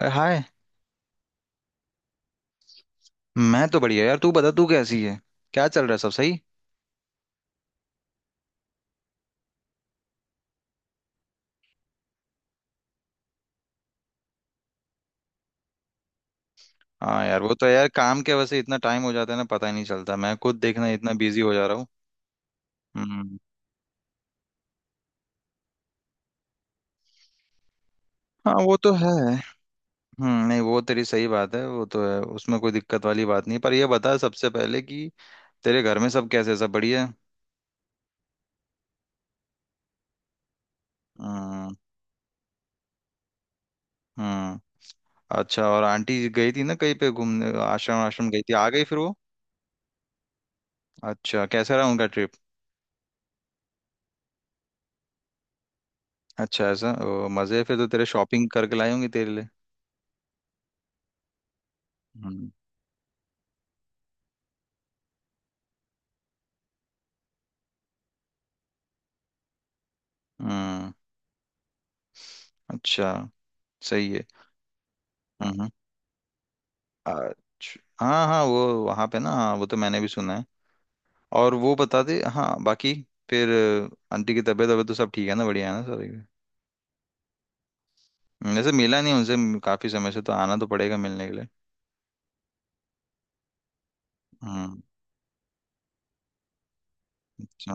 अरे हाय। मैं तो बढ़िया यार। तू बता, तू कैसी है? क्या चल रहा है? सब सही? हाँ यार, वो तो यार काम के वजह से इतना टाइम हो जाता है ना, पता ही नहीं चलता। मैं खुद देखना इतना बिजी हो जा रहा हूँ। हम्म। हाँ वो तो है। नहीं, वो तेरी सही बात है, वो तो है, उसमें कोई दिक्कत वाली बात नहीं। पर ये बता सबसे पहले कि तेरे घर में सब कैसे, सब बढ़िया है? हम्म। हम्म। अच्छा, और आंटी गई थी ना कहीं पे घूमने? आश्रम आश्रम गई थी, आ गई फिर वो? अच्छा, कैसा रहा उनका ट्रिप? अच्छा, ऐसा? ओ, मजे। फिर तो तेरे शॉपिंग करके लाई होंगी तेरे लिए। हम्म। हम्म। अच्छा, सही है। हम्म। हम्म। अच्छा। हाँ हाँ, वो वहाँ पे ना, हाँ वो तो मैंने भी सुना है। और वो बता दे हाँ, बाकी। फिर आंटी की तबीयत वबीयत तो सब ठीक है ना, बढ़िया है ना सारी। वैसे मिला नहीं उनसे काफी समय से। तो आना तो पड़ेगा मिलने के लिए। हम्म। अच्छा।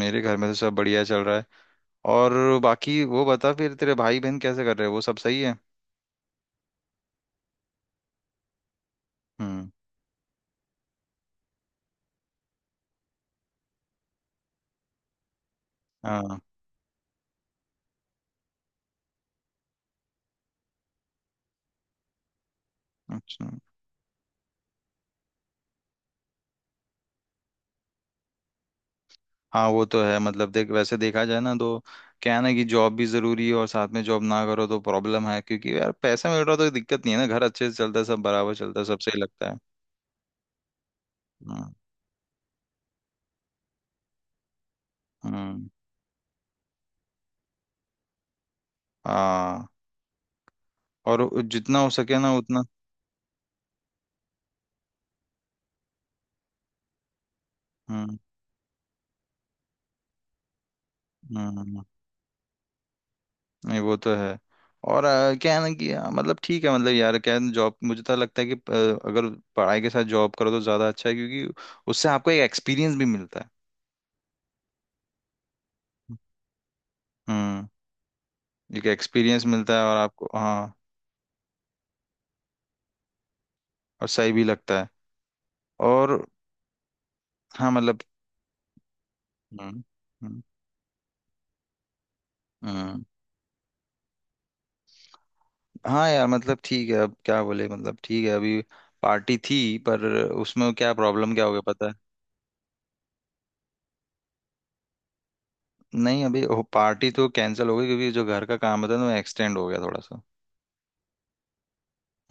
मेरे घर में तो सब बढ़िया चल रहा है। और बाकी वो बता फिर, तेरे भाई बहन कैसे कर रहे हैं? वो सब सही है? हम्म। हाँ। अच्छा। हाँ वो तो है। मतलब देख, वैसे देखा जाए ना तो क्या है ना कि जॉब भी जरूरी है, और साथ में जॉब ना करो तो प्रॉब्लम है। क्योंकि यार, पैसा मिल रहा तो दिक्कत नहीं है ना, घर अच्छे से चलता है, सब बराबर चलता है, सब सही लगता है। हम्म। हम्म। हाँ, और जितना हो सके ना उतना। हम्म। हम्म। नहीं वो तो है। और क्या है ना कि मतलब ठीक है, मतलब यार क्या जॉब, मुझे तो लगता है कि अगर पढ़ाई के साथ जॉब करो तो ज्यादा अच्छा है, क्योंकि उससे आपको एक एक्सपीरियंस भी मिलता है। हम्म। एक एक्सपीरियंस मिलता है और आपको, हाँ। और सही भी लगता है। और हाँ, मतलब। हम्म। हम्म। हम्म। हाँ यार मतलब ठीक है, अब क्या बोले, मतलब ठीक है अभी। पार्टी थी, पर उसमें क्या प्रॉब्लम, क्या हो गया पता है? नहीं अभी, पार्टी तो कैंसिल हो गई, क्योंकि जो घर का काम होता है ना, वो एक्सटेंड हो गया थोड़ा सा।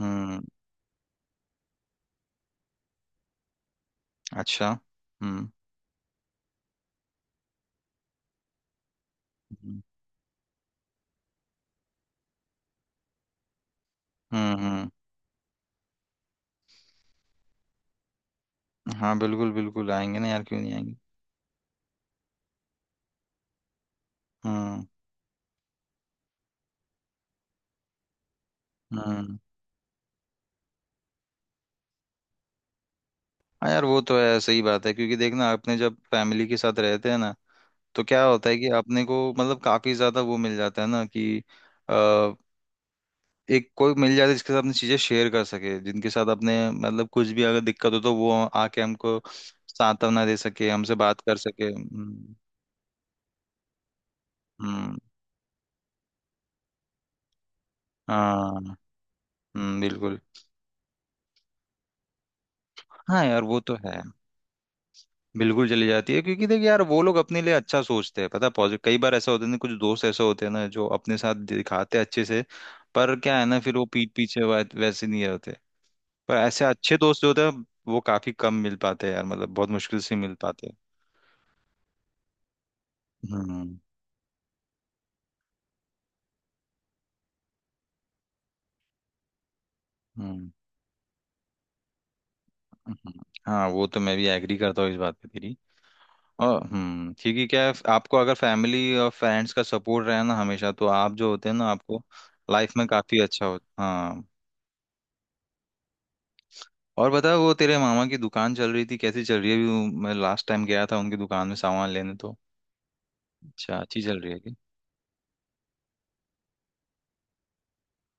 हम्म। अच्छा। हम्म। हम्म। हम्म। हाँ बिल्कुल बिल्कुल, आएंगे ना यार, क्यों नहीं आएंगे? हम्म। हम्म। हाँ यार वो तो है, सही बात है। क्योंकि देखना, अपने जब फैमिली के साथ रहते हैं ना, तो क्या होता है कि अपने को मतलब काफी ज्यादा वो मिल जाता है ना, कि एक कोई मिल जाए तो, जिसके साथ अपनी चीजें शेयर कर सके, जिनके साथ अपने मतलब कुछ भी अगर दिक्कत हो तो वो आके हमको सांत्वना दे सके, हमसे बात कर सके। हम्म। हम्म। हाँ। हम्म। बिल्कुल। हाँ यार वो तो है। बिल्कुल चली जाती है, क्योंकि देखिए यार, वो लोग अपने लिए अच्छा सोचते हैं पता है, पॉजिटिव। कई बार ऐसा होता है ना, कुछ दोस्त ऐसे होते हैं ना जो अपने साथ दिखाते हैं अच्छे से। पर क्या है ना, फिर वो पीठ पीछे वैसे नहीं होते। पर ऐसे अच्छे दोस्त जो होते हैं, वो काफी कम मिल पाते हैं यार, मतलब बहुत मुश्किल से मिल पाते हैं। हम्म। हम्म। हम्म। हाँ, वो तो मैं भी एग्री करता हूँ इस बात पे तेरी। और क्योंकि क्या है, आपको अगर फैमिली और फ्रेंड्स का सपोर्ट रहे ना हमेशा, तो आप जो होते हैं ना, आपको लाइफ में काफी अच्छा हो। हाँ। और बता, वो तेरे मामा की दुकान चल रही थी, कैसी चल रही है अभी मैं लास्ट टाइम गया था उनकी दुकान में सामान लेने तो। अच्छा, अच्छी चल रही है कि?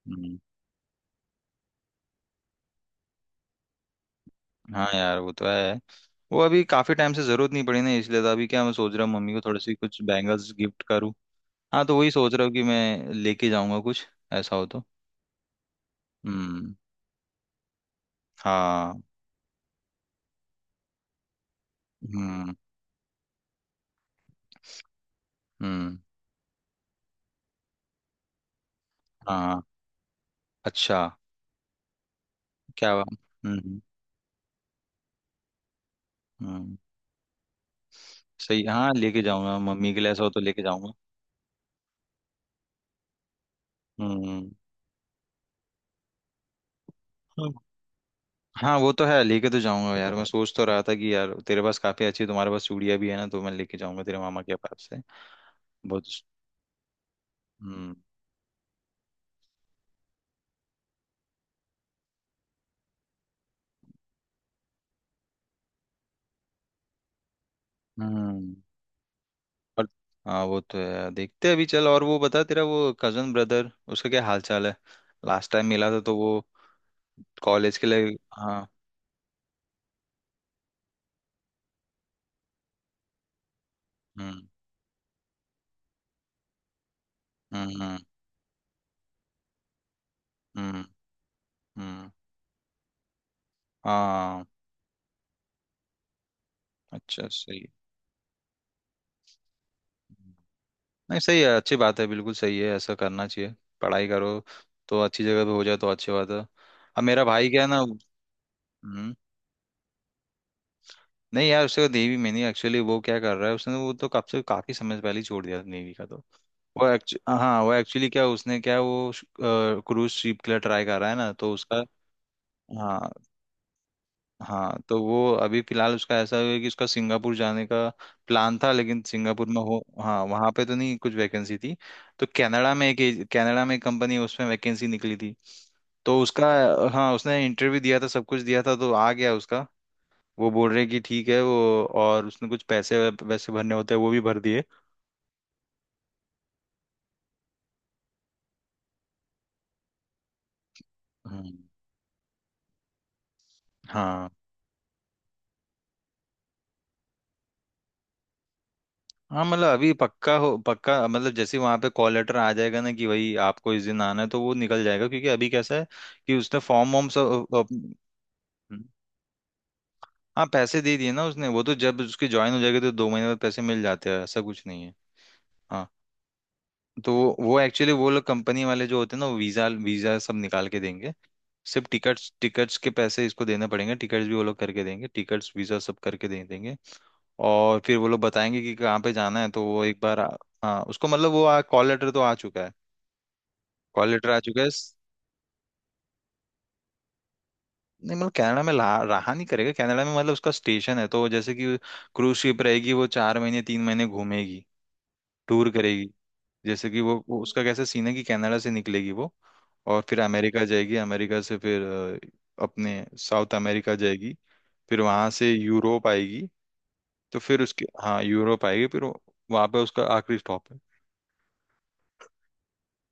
हम्म। हाँ यार वो तो है। वो अभी काफी टाइम से जरूरत नहीं पड़ी ना, इसलिए तो अभी क्या मैं सोच रहा हूँ मम्मी को थोड़ी सी कुछ बैंगल्स गिफ्ट करूँ। हाँ तो वही सोच रहा हूँ कि मैं लेके जाऊंगा कुछ ऐसा हो तो। हम्म। हाँ। हम्म। हम्म। हाँ। अच्छा। क्या? हम्म। हम्म। हम्म। सही, हाँ, लेके जाऊंगा मम्मी के लिए ऐसा हो तो लेके जाऊंगा। हम्म। हम्म। हाँ वो तो है, लेके तो जाऊंगा यार। मैं सोच तो रहा था कि यार तेरे पास काफी अच्छी, तुम्हारे पास चूड़ियां भी है ना, तो मैं लेके जाऊंगा तेरे मामा के पास से। बहुत। हम्म। हम्म। और हाँ वो तो है, देखते हैं अभी चल। और वो बता तेरा वो कजन ब्रदर, उसका क्या हाल चाल है? लास्ट टाइम मिला था तो वो कॉलेज के लिए। हाँ। हम्म। हम्म। हम्म। हम्म। हम्म। हाँ, अच्छा, सही है। नहीं सही है, अच्छी बात है, बिल्कुल सही है, ऐसा करना चाहिए। पढ़ाई करो तो अच्छी जगह पे हो जाए तो अच्छी बात है। अब मेरा भाई क्या है ना। हम्म, नहीं यार, उससे नेवी में नहीं, एक्चुअली वो क्या कर रहा है, उसने वो तो कब से काफी समय पहले ही छोड़ दिया नेवी का तो। वो एक्चु हाँ वो एक्चुअली क्या उसने क्या वो क्रूज शिप के लिए ट्राई कर रहा है ना, तो उसका। हाँ हाँ, तो वो अभी फिलहाल उसका ऐसा है कि उसका सिंगापुर जाने का प्लान था, लेकिन सिंगापुर में हो हाँ वहाँ पे तो नहीं कुछ वैकेंसी थी। तो कनाडा में एक कंपनी है, उसमें वैकेंसी निकली थी। तो उसका, हाँ उसने इंटरव्यू दिया था, सब कुछ दिया था, तो आ गया उसका। वो बोल रहे कि ठीक है वो, और उसने कुछ पैसे वैसे भरने होते हैं, वो भी भर दिए। हम्म। हाँ। हाँ मतलब अभी पक्का हो, पक्का मतलब जैसे ही वहां पे कॉल लेटर आ जाएगा ना कि भाई आपको इस दिन आना है, तो वो निकल जाएगा। क्योंकि अभी कैसा है कि उसने फॉर्म वॉर्म सब अ, हाँ पैसे दे दिए ना उसने, वो तो जब उसकी ज्वाइन हो जाएगी तो 2 महीने बाद पैसे मिल जाते हैं, ऐसा कुछ नहीं है। तो वो एक्चुअली, वो लोग कंपनी वाले जो होते हैं ना, वो वीजा वीजा सब निकाल के देंगे। सिर्फ टिकट्स टिकट्स के पैसे इसको देने पड़ेंगे, टिकट्स भी वो लोग करके देंगे, टिकट्स वीजा सब करके दे देंगे। और फिर वो लोग बताएंगे कि कहाँ पे जाना है, तो वो एक बार हाँ उसको मतलब वो कॉल लेटर तो आ चुका है। कॉल लेटर आ चुका है। नहीं मतलब कनाडा में रहा नहीं करेगा, कनाडा में मतलब उसका स्टेशन है, तो जैसे कि क्रूज शिप रहेगी, वो 4 महीने 3 महीने घूमेगी, टूर करेगी। जैसे कि वो उसका कैसा सीन है कि कनाडा से निकलेगी वो, और फिर अमेरिका जाएगी, अमेरिका से फिर अपने साउथ अमेरिका जाएगी। फिर वहां से यूरोप आएगी। तो फिर उसके, हाँ यूरोप आएगी फिर, वहां पे उसका आखिरी स्टॉप है।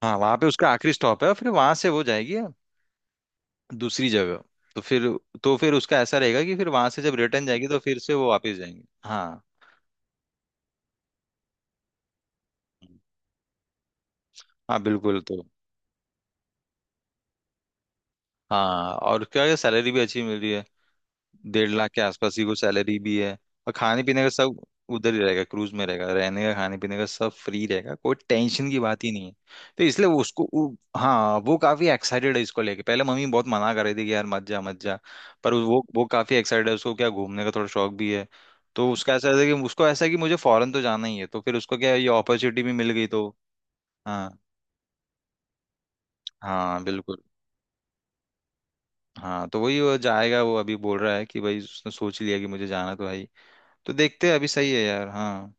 हाँ वहां पे उसका आखिरी स्टॉप है, और फिर वहां से वो जाएगी दूसरी जगह। तो फिर तो फिर उसका ऐसा रहेगा कि फिर वहां से जब रिटर्न जाएगी तो फिर से वो वापस जाएंगे। हाँ। हाँ बिल्कुल तो। हाँ, और क्या सैलरी भी अच्छी मिल रही है, 1.5 लाख के आसपास ही कुछ सैलरी भी है। और खाने पीने का सब उधर ही रहेगा, क्रूज में रहेगा, रहने का खाने पीने का सब फ्री रहेगा, कोई टेंशन की बात ही नहीं है। तो इसलिए वो उसको हाँ वो काफी एक्साइटेड है इसको लेके, पहले मम्मी बहुत मना कर रही थी कि यार मत जा मत जा। पर वो काफी एक्साइटेड है, उसको क्या घूमने का थोड़ा शौक भी है। तो उसका ऐसा है कि उसको ऐसा है कि मुझे फॉरेन तो जाना ही है, तो फिर उसको क्या है, ये अपॉर्चुनिटी भी मिल गई तो। हाँ। हाँ बिल्कुल। हाँ तो वही, वो जाएगा, वो अभी बोल रहा है कि भाई उसने सोच लिया कि मुझे जाना तो है ही। तो देखते हैं अभी, सही है यार, हाँ।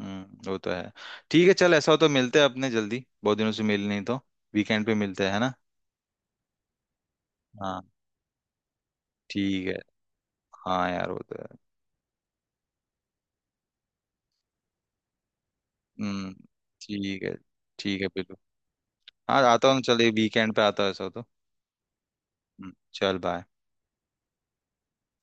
हम्म। वो तो है। ठीक है चल, ऐसा हो तो मिलते हैं अपने जल्दी, बहुत दिनों से मिल नहीं तो। वीकेंड पे मिलते हैं, है ना? हाँ, ठीक है। हाँ यार वो तो है। हम्म। ठीक है। ठीक है बिल्कुल। हाँ आता हूँ चल, वीकेंड पे आता हूँ ऐसा हो तो। चल बाय।